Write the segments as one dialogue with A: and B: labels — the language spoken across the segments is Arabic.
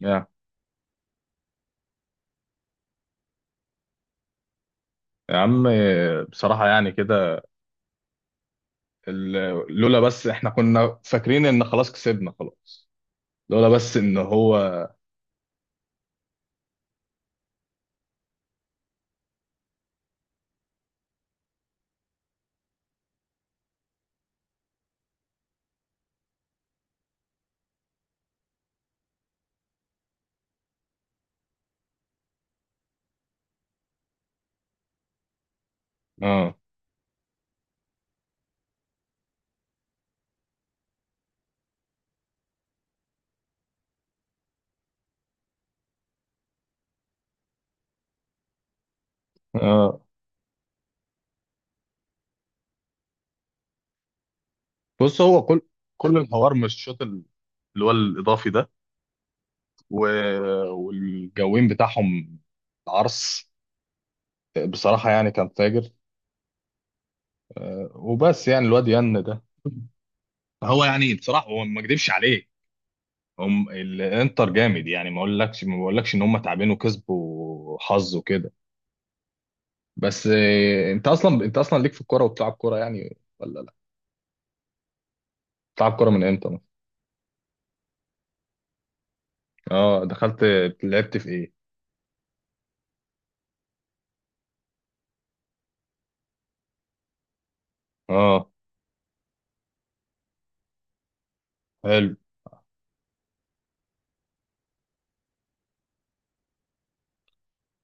A: يا يا عم، بصراحة يعني كده. لولا بس احنا كنا فاكرين ان خلاص كسبنا خلاص، لولا بس ان هو. اه. اه. بص، هو كل الحوار مش الشوط اللي هو الاضافي ده، و... والجوين بتاعهم العرس بصراحة يعني كان فاجر. وبس يعني الواد ين ده، هو يعني بصراحة هو ما اكدبش عليه، هم الانتر جامد، يعني ما بقولكش ان هم تعبانين وكسبوا حظ وكده. بس انت اصلا ليك في الكوره وبتلعب كوره يعني، ولا لا؟ بتلعب كوره من امتى مثلا؟ اه دخلت، لعبت في ايه؟ اه حلو.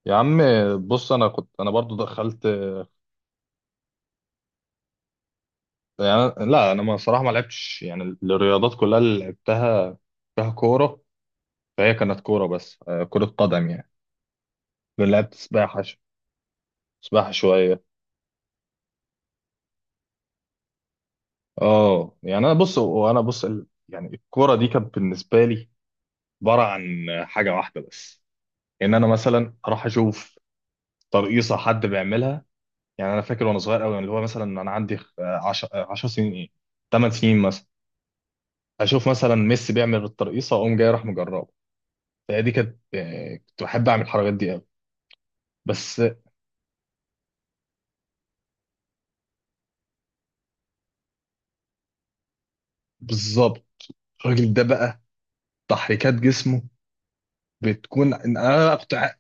A: يا عم بص، انا كنت انا برضو دخلت. يعني لا، انا ما صراحه ما لعبتش، يعني الرياضات كلها اللي لعبتها فيها كوره، فهي كانت كوره بس كره قدم يعني. لعبت سباحه سباحه شويه. اه يعني انا بص يعني الكوره دي كانت بالنسبه لي عباره عن حاجه واحده بس، ان انا مثلا اروح اشوف ترقيصه حد بيعملها. يعني انا فاكر وانا صغير قوي، يعني اللي هو مثلا انا عندي 10 سنين، ايه 8 سنين مثلا، اشوف مثلا ميسي بيعمل الترقيصه اقوم جاي راح مجربه. فهي دي كانت كنت بحب اعمل الحركات دي قوي بس. بالظبط، الراجل ده بقى تحريكات جسمه بتكون... انا بقى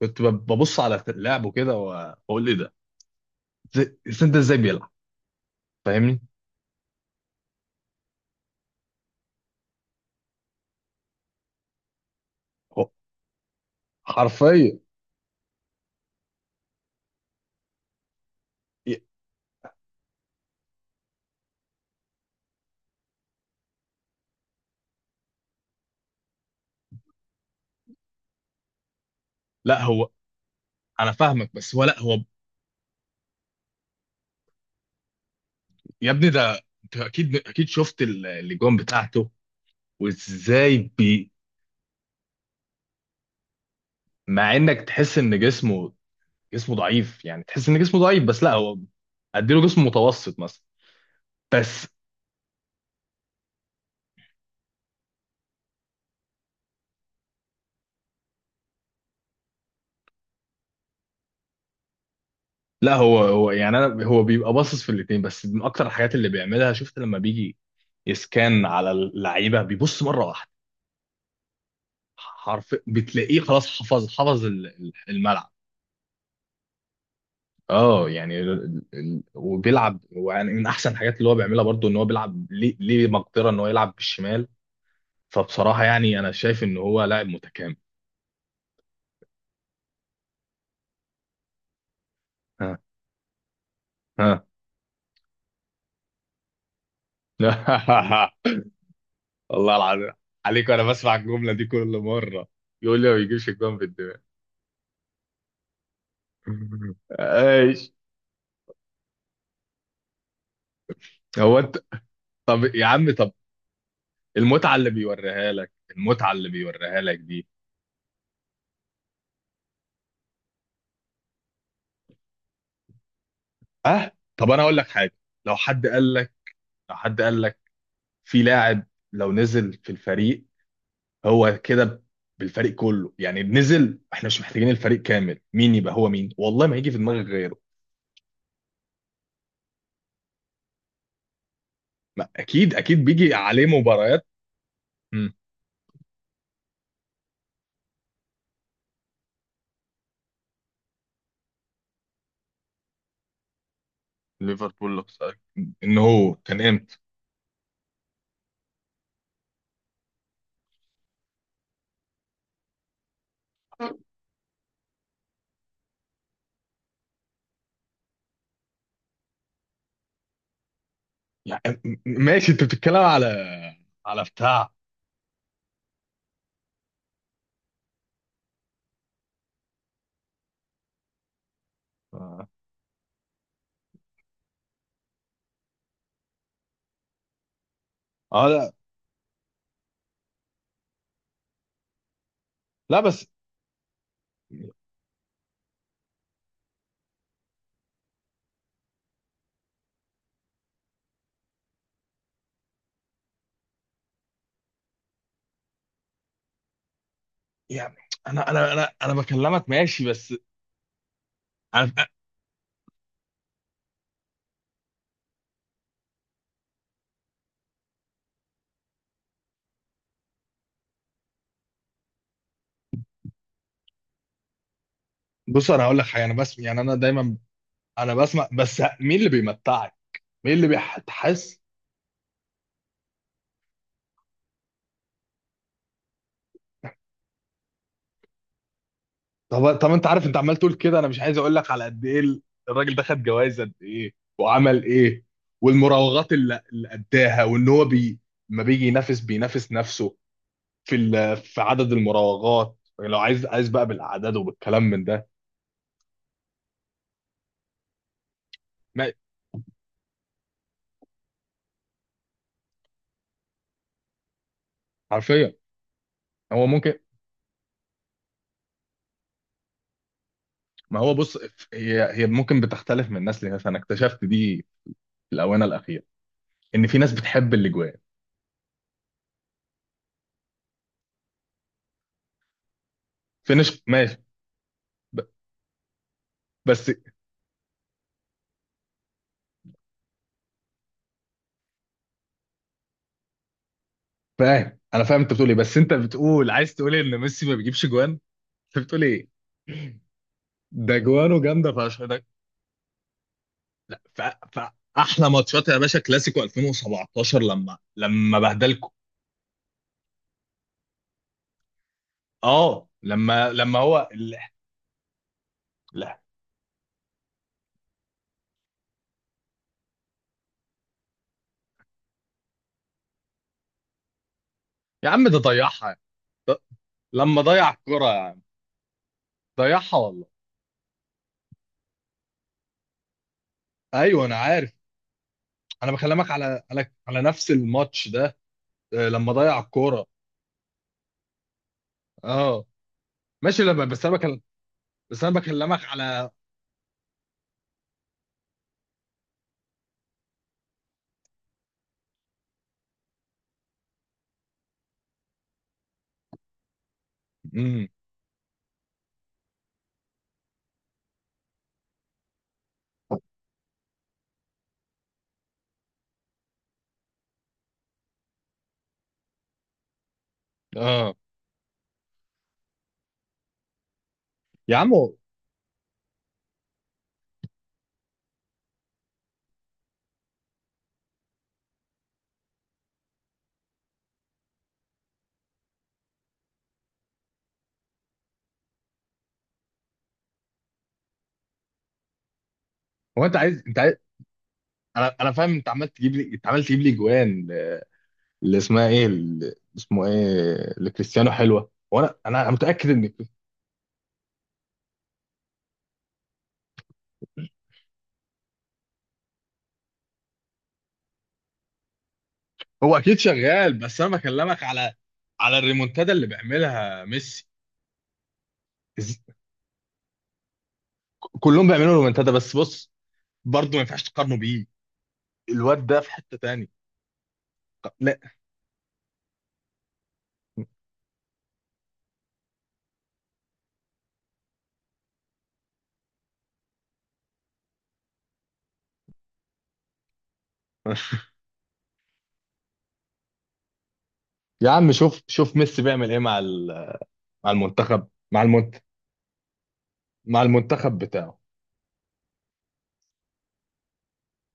A: كنت ببص على لعبه كده واقول ايه ده. إزاي ده، ازاي بيلعب؟ فاهمني؟ هو حرفيا، لا هو، انا فاهمك بس هو، لا هو. يا ابني ده انت اكيد اكيد شفت الاجوان بتاعته وازاي بي. مع انك تحس ان جسمه، جسمه ضعيف يعني، تحس ان جسمه ضعيف بس لا هو، اديله جسم متوسط مثلا. بس لا، هو يعني انا هو بيبقى باصص في الاثنين، بس من اكتر الحاجات اللي بيعملها، شفت لما بيجي يسكان على اللعيبه بيبص مره واحده حرف بتلاقيه خلاص، حفظ الملعب. اه يعني وبيلعب، يعني من احسن الحاجات اللي هو بيعملها برضو ان هو بيلعب ليه مقدره ان هو يلعب بالشمال. فبصراحه يعني انا شايف ان هو لاعب متكامل. ها. والله العظيم عليك، وانا بسمع الجمله دي كل مره، يقول لي ما بيجيبش الجون في الدماغ. ايش؟ هو انت طب يا عم طب. المتعه اللي بيوريها لك، المتعه اللي بيوريها لك دي. اه طب انا اقول لك حاجه. لو حد قال لك لو حد قال لك في لاعب لو نزل في الفريق، هو كده بالفريق كله يعني نزل، احنا مش محتاجين الفريق كامل، مين يبقى هو؟ مين والله ما هيجي في دماغك غيره. ما اكيد اكيد بيجي عليه مباريات. ليفربول خسارة. ان هو كان امتى؟ يعني ماشي، انت بتتكلم على، على بتاع. اه لا لا بس، يعني انا بكلمك ماشي بس. انا بص، انا هقول لك حاجه. انا بسمع يعني، انا دايما انا بسمع، بس مين اللي بيمتعك؟ مين اللي بيحس؟ طب طب انت عارف، انت عمال تقول كده، انا مش عايز اقول لك على قد ايه الراجل ده خد جوائز قد ايه وعمل ايه. والمراوغات اللي اداها، وان هو بي، ما بيجي بينافس نفسه في في عدد المراوغات، يعني لو عايز بقى بالاعداد وبالكلام من ده. ما حرفيا، هو ممكن. ما هو بص، هي ممكن بتختلف من ناس لناس، انا اكتشفت دي في الاونه الاخيره ان في ناس بتحب الاجوان، في ناس ماشي ب- بس. فاهم، انا فاهم انت بتقول ايه، بس انت بتقول عايز تقول إيه؟ ان ميسي ما بيجيبش جوان؟ انت بتقول ايه؟ ده جوانه جامده فشخ ده. لا احلى ماتشات يا باشا كلاسيكو 2017 لما بهدلكم. اه لما هو. يا عم ده ضيعها، ده لما ضيع الكرة يا عم، ضيعها والله. ايوه انا عارف، انا بكلمك على على نفس الماتش ده. لما ضيع الكوره. اه ماشي لما بس انا بكلمك على. امم. اه يا عم هو انت عايز انا فاهم، انت عمال تجيب لي جوان، اللي اسمه ايه لكريستيانو حلوه، وانا متاكد ان هو اكيد شغال، بس انا بكلمك على الريمونتادا اللي بيعملها ميسي. كلهم بيعملوا رومنتادا، بس بص برضه ما ينفعش تقارنه بيه، الواد ده في حتة تاني. لا يا عم، شوف شوف ميسي بيعمل ايه مع مع المنتخب، مع المنتخب بتاعه،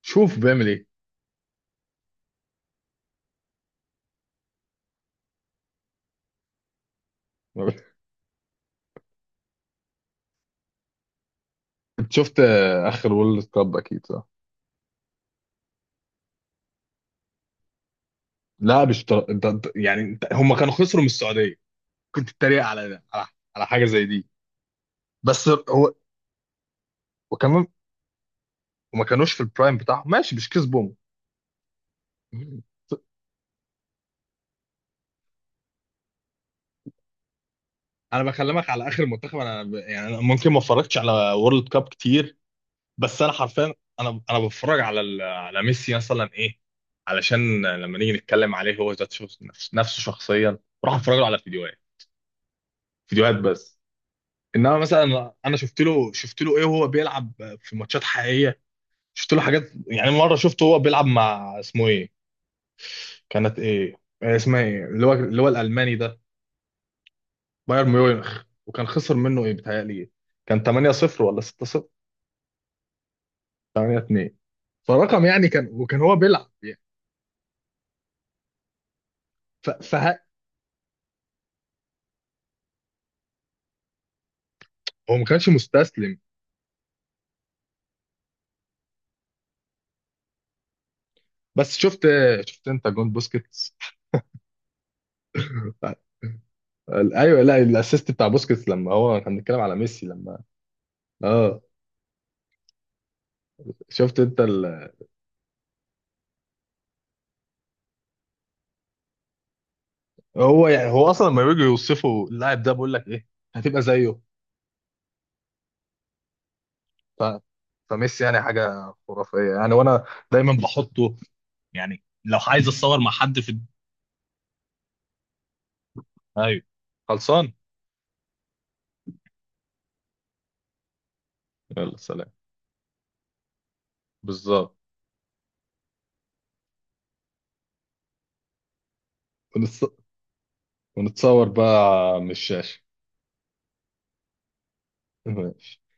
A: شوف بيعمل ايه. انت شفت اخر وورلد كاب اكيد صح؟ لا مش انت يعني هم كانوا خسروا من السعودية، كنت اتريق على ده على حاجة زي دي، بس هو. وكمان وما كانوش في البرايم بتاعهم، ماشي مش كسبهم. انا بكلمك على اخر منتخب، انا يعني انا ممكن ما اتفرجتش على وورلد كاب كتير، بس انا حرفيا، انا بتفرج على على ميسي مثلا ايه، علشان لما نيجي نتكلم عليه هو نفسه شخصيا، بروح اتفرج له على فيديوهات بس، انما مثلا انا شفت له ايه وهو بيلعب في ماتشات حقيقيه، شفت له حاجات. يعني مره شفته هو بيلعب مع اسمه ايه، كانت ايه، إيه اسمها ايه اللي هو الالماني ده، بايرن ميونخ، وكان خسر منه ايه بيتهيألي. كان 8-0 ولا 6-0؟ 8-2. فرقم يعني كان، هو بيلعب يعني. ف- فه- هو ما كانش مستسلم بس. شفت انت جون بوسكيتس. ايوه لا، الاسيست بتاع بوسكيتس، لما هو كان بيتكلم على ميسي لما. اه شفت انت هو يعني هو اصلا لما بيجوا يوصفوا اللاعب ده بيقول لك ايه؟ هتبقى زيه. ف... فميسي يعني حاجه خرافيه، يعني وانا دايما بحطه، يعني لو عايز اتصور مع حد في. ايوه، خلصان، يلا سلام. بالظبط. ونتص... ونتصور بقى من الشاشه.